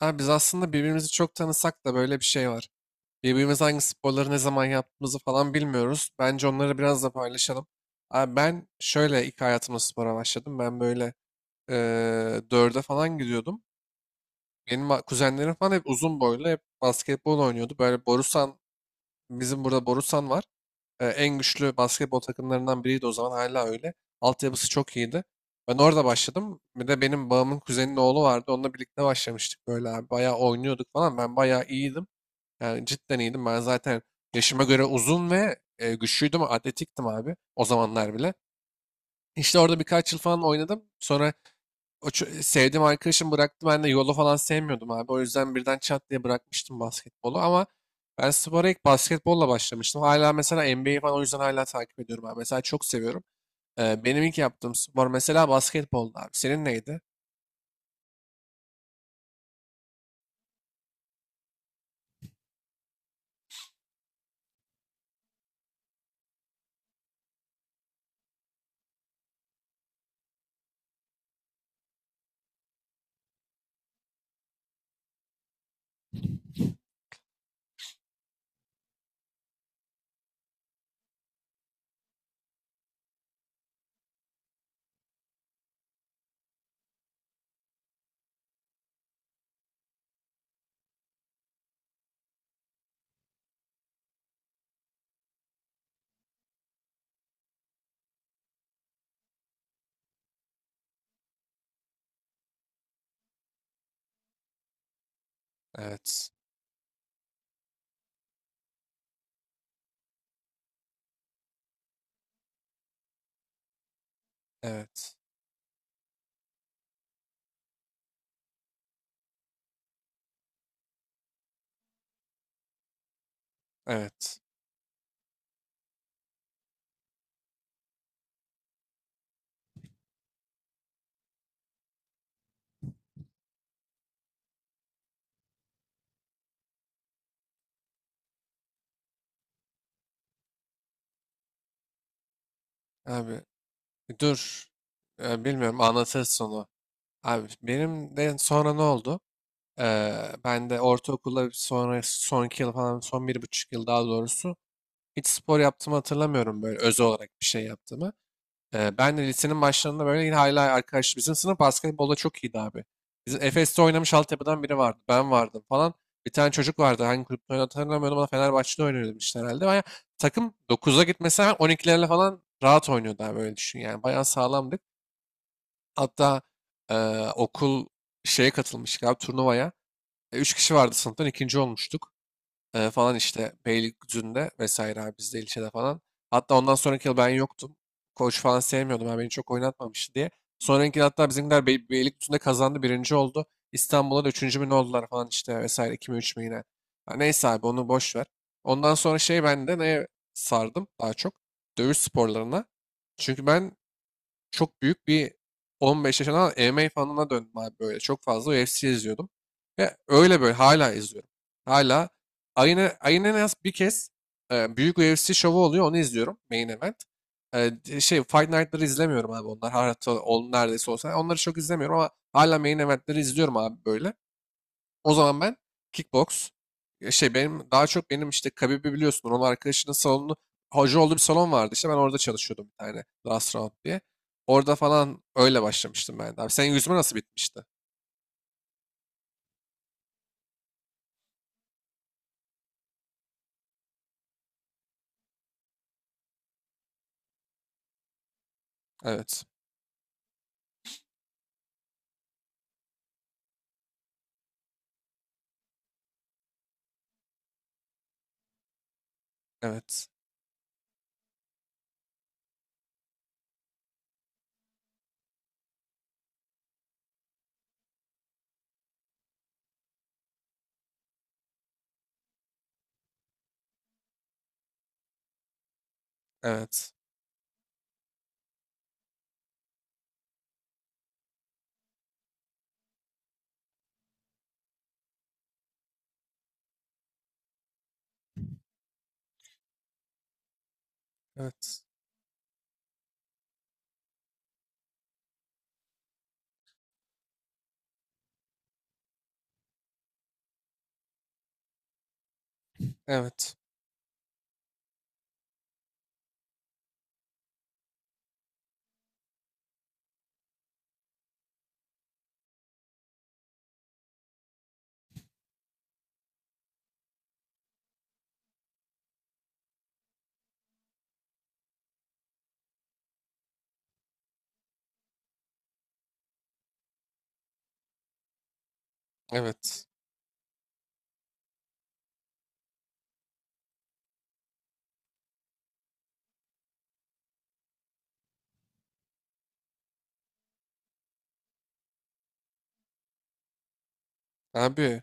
Abi biz aslında birbirimizi çok tanısak da böyle bir şey var. Birbirimiz hangi sporları ne zaman yaptığımızı falan bilmiyoruz. Bence onları biraz da paylaşalım. Abi ben şöyle ilk hayatıma spora başladım. Ben böyle dörde falan gidiyordum. Benim kuzenlerim falan hep uzun boylu, hep basketbol oynuyordu. Böyle Borusan, bizim burada Borusan var, en güçlü basketbol takımlarından biriydi o zaman, hala öyle. Altyapısı çok iyiydi. Ben orada başladım. Bir de benim babamın kuzeninin oğlu vardı. Onunla birlikte başlamıştık böyle abi. Bayağı oynuyorduk falan. Ben bayağı iyiydim. Yani cidden iyiydim. Ben zaten yaşıma göre uzun ve güçlüydüm. Atletiktim abi o zamanlar bile. İşte orada birkaç yıl falan oynadım. Sonra o sevdiğim arkadaşım bıraktı. Ben de yolu falan sevmiyordum abi. O yüzden birden çat diye bırakmıştım basketbolu. Ama ben spora ilk basketbolla başlamıştım. Hala mesela NBA'yi falan o yüzden hala takip ediyorum abi. Mesela çok seviyorum. Benim ilk yaptığım spor mesela basketboldu abi. Senin neydi? Evet. Evet. Evet. Abi dur. Bilmiyorum, anlatırsın sonu. Abi benim de sonra ne oldu? Ee, Ben de ortaokulda sonra sonraki yıl falan, son 1,5 yıl daha doğrusu, hiç spor yaptığımı hatırlamıyorum, böyle öz olarak bir şey yaptığımı. Ben de lisenin başlarında böyle, yine hala arkadaş, bizim sınıf basketbolda çok iyiydi abi. Bizim Efes'te oynamış altyapıdan biri vardı. Ben vardım falan. Bir tane çocuk vardı. Hangi kulüpte oynadığını hatırlamıyorum ama Fenerbahçe'de oynuyordu işte herhalde. Baya takım, 9'a gitmesi hemen 12'lerle falan rahat oynuyordu abi, öyle düşün yani. Bayağı sağlamdık. Hatta e, okul şeye katılmıştık abi, turnuvaya. 3 kişi vardı sınıftan, ikinci olmuştuk. Falan işte Beylikdüzü'nde vesaire abi, bizde ilçede falan. Hatta ondan sonraki yıl ben yoktum. Koç falan sevmiyordum, abi beni çok oynatmamıştı diye. Sonraki yıl hatta bizimkiler Beylikdüzü'nde kazandı. Birinci oldu. İstanbul'a da üçüncü mü ne oldular falan işte vesaire. İki mi üç mü yine. Ha, neyse abi, onu boş ver. Ondan sonra şey, ben de neye sardım daha çok? Dövüş sporlarına. Çünkü ben çok büyük bir 15 yaşından MMA fanına döndüm abi böyle. Çok fazla UFC izliyordum. Ve öyle böyle hala izliyorum. Hala ayın en az bir kez büyük UFC şovu oluyor, onu izliyorum. Main event. Fight Night'ları izlemiyorum abi, onlar. Hatta on neredeyse olsa. Onları çok izlemiyorum ama hala main event'leri izliyorum abi böyle. O zaman ben kickbox, benim daha çok, benim işte Khabib'i biliyorsun. Onun arkadaşının salonu, hoca olduğu bir salon vardı işte, ben orada çalışıyordum, bir tane Last Round diye. Orada falan öyle başlamıştım ben de. Abi senin yüzme nasıl bitmişti? Evet. Evet. Evet. Evet. Evet. Evet. Abi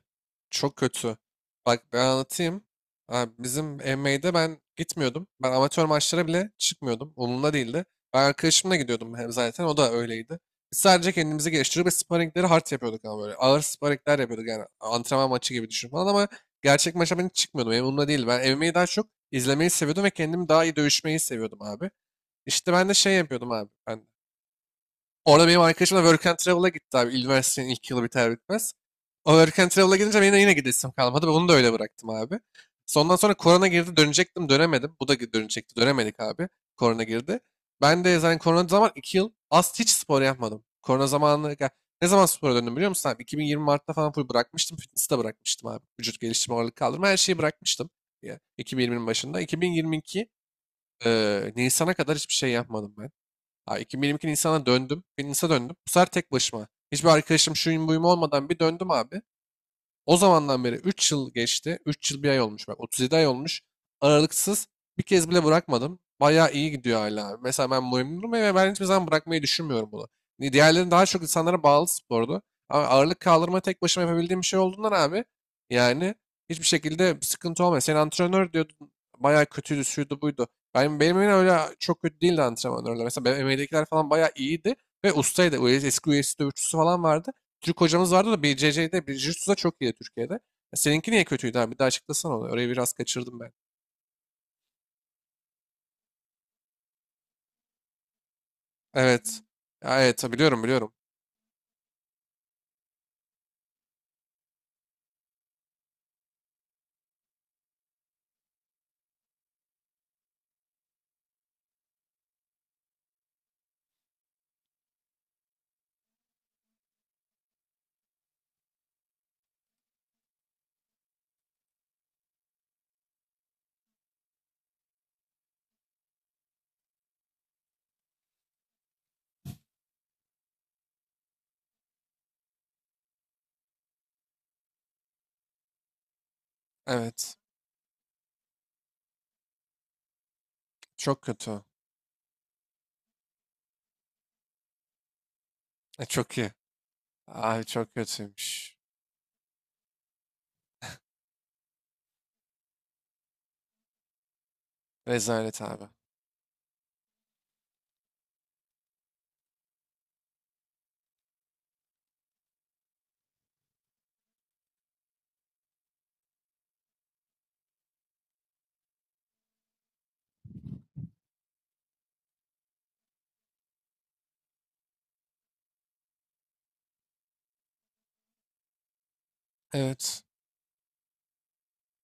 çok kötü. Bak ben anlatayım. Abi bizim MMA'de ben gitmiyordum. Ben amatör maçlara bile çıkmıyordum. Umurumda değildi. Ben arkadaşımla gidiyordum hem zaten. O da öyleydi. Biz sadece kendimizi geliştirip ve sparringleri hard yapıyorduk ama böyle. Ağır sparringler yapıyorduk yani. Antrenman maçı gibi düşün falan ama gerçek maça ben hiç çıkmıyordum. Benim umurumda değil. Ben MMA'yi daha çok izlemeyi seviyordum ve kendimi daha iyi dövüşmeyi seviyordum abi. İşte ben de şey yapıyordum abi. Ben orada, benim arkadaşım da Work and Travel'a gitti abi. Üniversitenin ilk yılı biter bitmez. O Work and Travel'a gidince benim de yine gidesim kalmadı. Onu da öyle bıraktım abi. Sondan sonra korona girdi, dönecektim dönemedim. Bu da dönecekti, dönemedik abi. Korona girdi. Ben de zaten korona zaman 2 yıl az hiç spor yapmadım. Korona zamanı ya, ne zaman spora döndüm biliyor musun abi? 2020 Mart'ta falan full bırakmıştım. Fitness'i de bırakmıştım abi. Vücut geliştirme, ağırlık kaldırma, her şeyi bırakmıştım. Ya, 2020'nin başında. 2022 Nisan'a kadar hiçbir şey yapmadım ben. Ha, 2022 Nisan'a döndüm. Bir Nisan'a döndüm. Bu sefer tek başıma. Hiçbir arkadaşım, şuyum buyum olmadan bir döndüm abi. O zamandan beri 3 yıl geçti. 3 yıl 1 ay olmuş. Bak 37 ay olmuş. Aralıksız bir kez bile bırakmadım. Bayağı iyi gidiyor hala. Mesela ben memnunum ve ben hiçbir zaman bırakmayı düşünmüyorum bunu. Diğerleri daha çok insanlara bağlı spordu. Ama ağırlık kaldırma tek başıma yapabildiğim bir şey olduğundan abi, yani hiçbir şekilde sıkıntı olmuyor. Sen antrenör diyordun bayağı kötüydü, şuydu buydu. Benim yine öyle çok kötü değildi antrenörler. Mesela benim MMA'dekiler falan bayağı iyiydi ve ustaydı. Eski UFC dövüşçüsü falan vardı. Türk hocamız vardı da BCC'de, bir Jiu-Jitsu'da çok iyi Türkiye'de. Ya, seninki niye kötüydü abi? Bir daha açıklasana onu. Orayı biraz kaçırdım ben. Evet. Ya, evet, ha, biliyorum, biliyorum. Evet. Çok kötü. Çok iyi. Abi çok kötüymüş. Rezalet abi. Evet.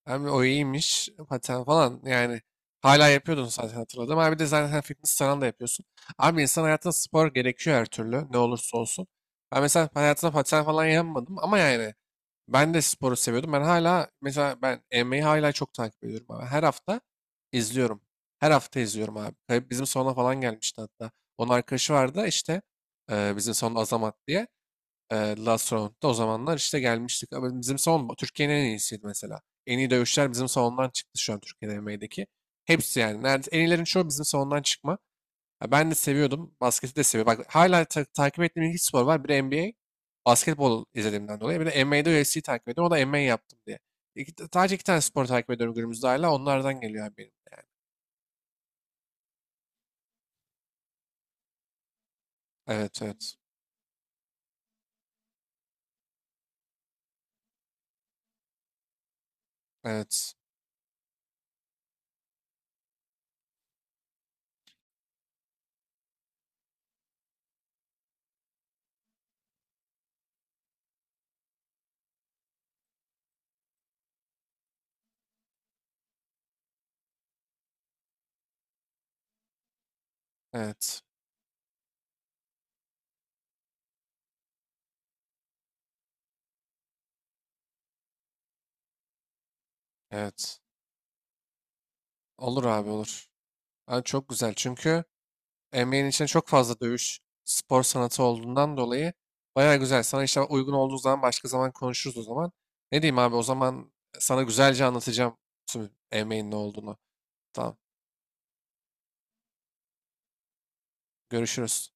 Hem o iyiymiş. Paten falan yani. Hala yapıyordun zaten, hatırladım. Abi bir de zaten fitness falan da yapıyorsun. Abi insan hayatında spor gerekiyor her türlü. Ne olursa olsun. Ben mesela hayatımda paten falan yapmadım ama yani, ben de sporu seviyordum. Ben hala mesela, ben MMA'yi hala çok takip ediyorum abi. Her hafta izliyorum. Her hafta izliyorum abi. Tabii, bizim salona falan gelmişti hatta. Onun arkadaşı vardı işte, bizim salon, Azamat diye. E, Last Round'da o zamanlar işte gelmiştik. Abi bizim salon Türkiye'nin en iyisiydi mesela. En iyi dövüşler bizim salondan çıktı şu an Türkiye'de MMA'deki. Hepsi yani. Nerede, en iyilerin çoğu bizim salondan çıkma. Ya ben de seviyordum. Basketi de seviyorum. Bak hala takip ettiğim iki spor var. Biri NBA. Basketbol izlediğimden dolayı. Bir de NBA'de UFC'yi takip ediyorum. O da MMA yaptım diye. İki, sadece iki tane spor takip ediyorum günümüzde hala. Onlardan geliyor abi benim. Evet, evet. Evet. Evet. Evet. Olur abi olur. Yani çok güzel. Çünkü NBA'nin içinde çok fazla dövüş spor sanatı olduğundan dolayı baya güzel. Sana işte uygun olduğu zaman başka zaman konuşuruz o zaman. Ne diyeyim abi o zaman, sana güzelce anlatacağım tüm NBA'nin ne olduğunu. Tamam. Görüşürüz.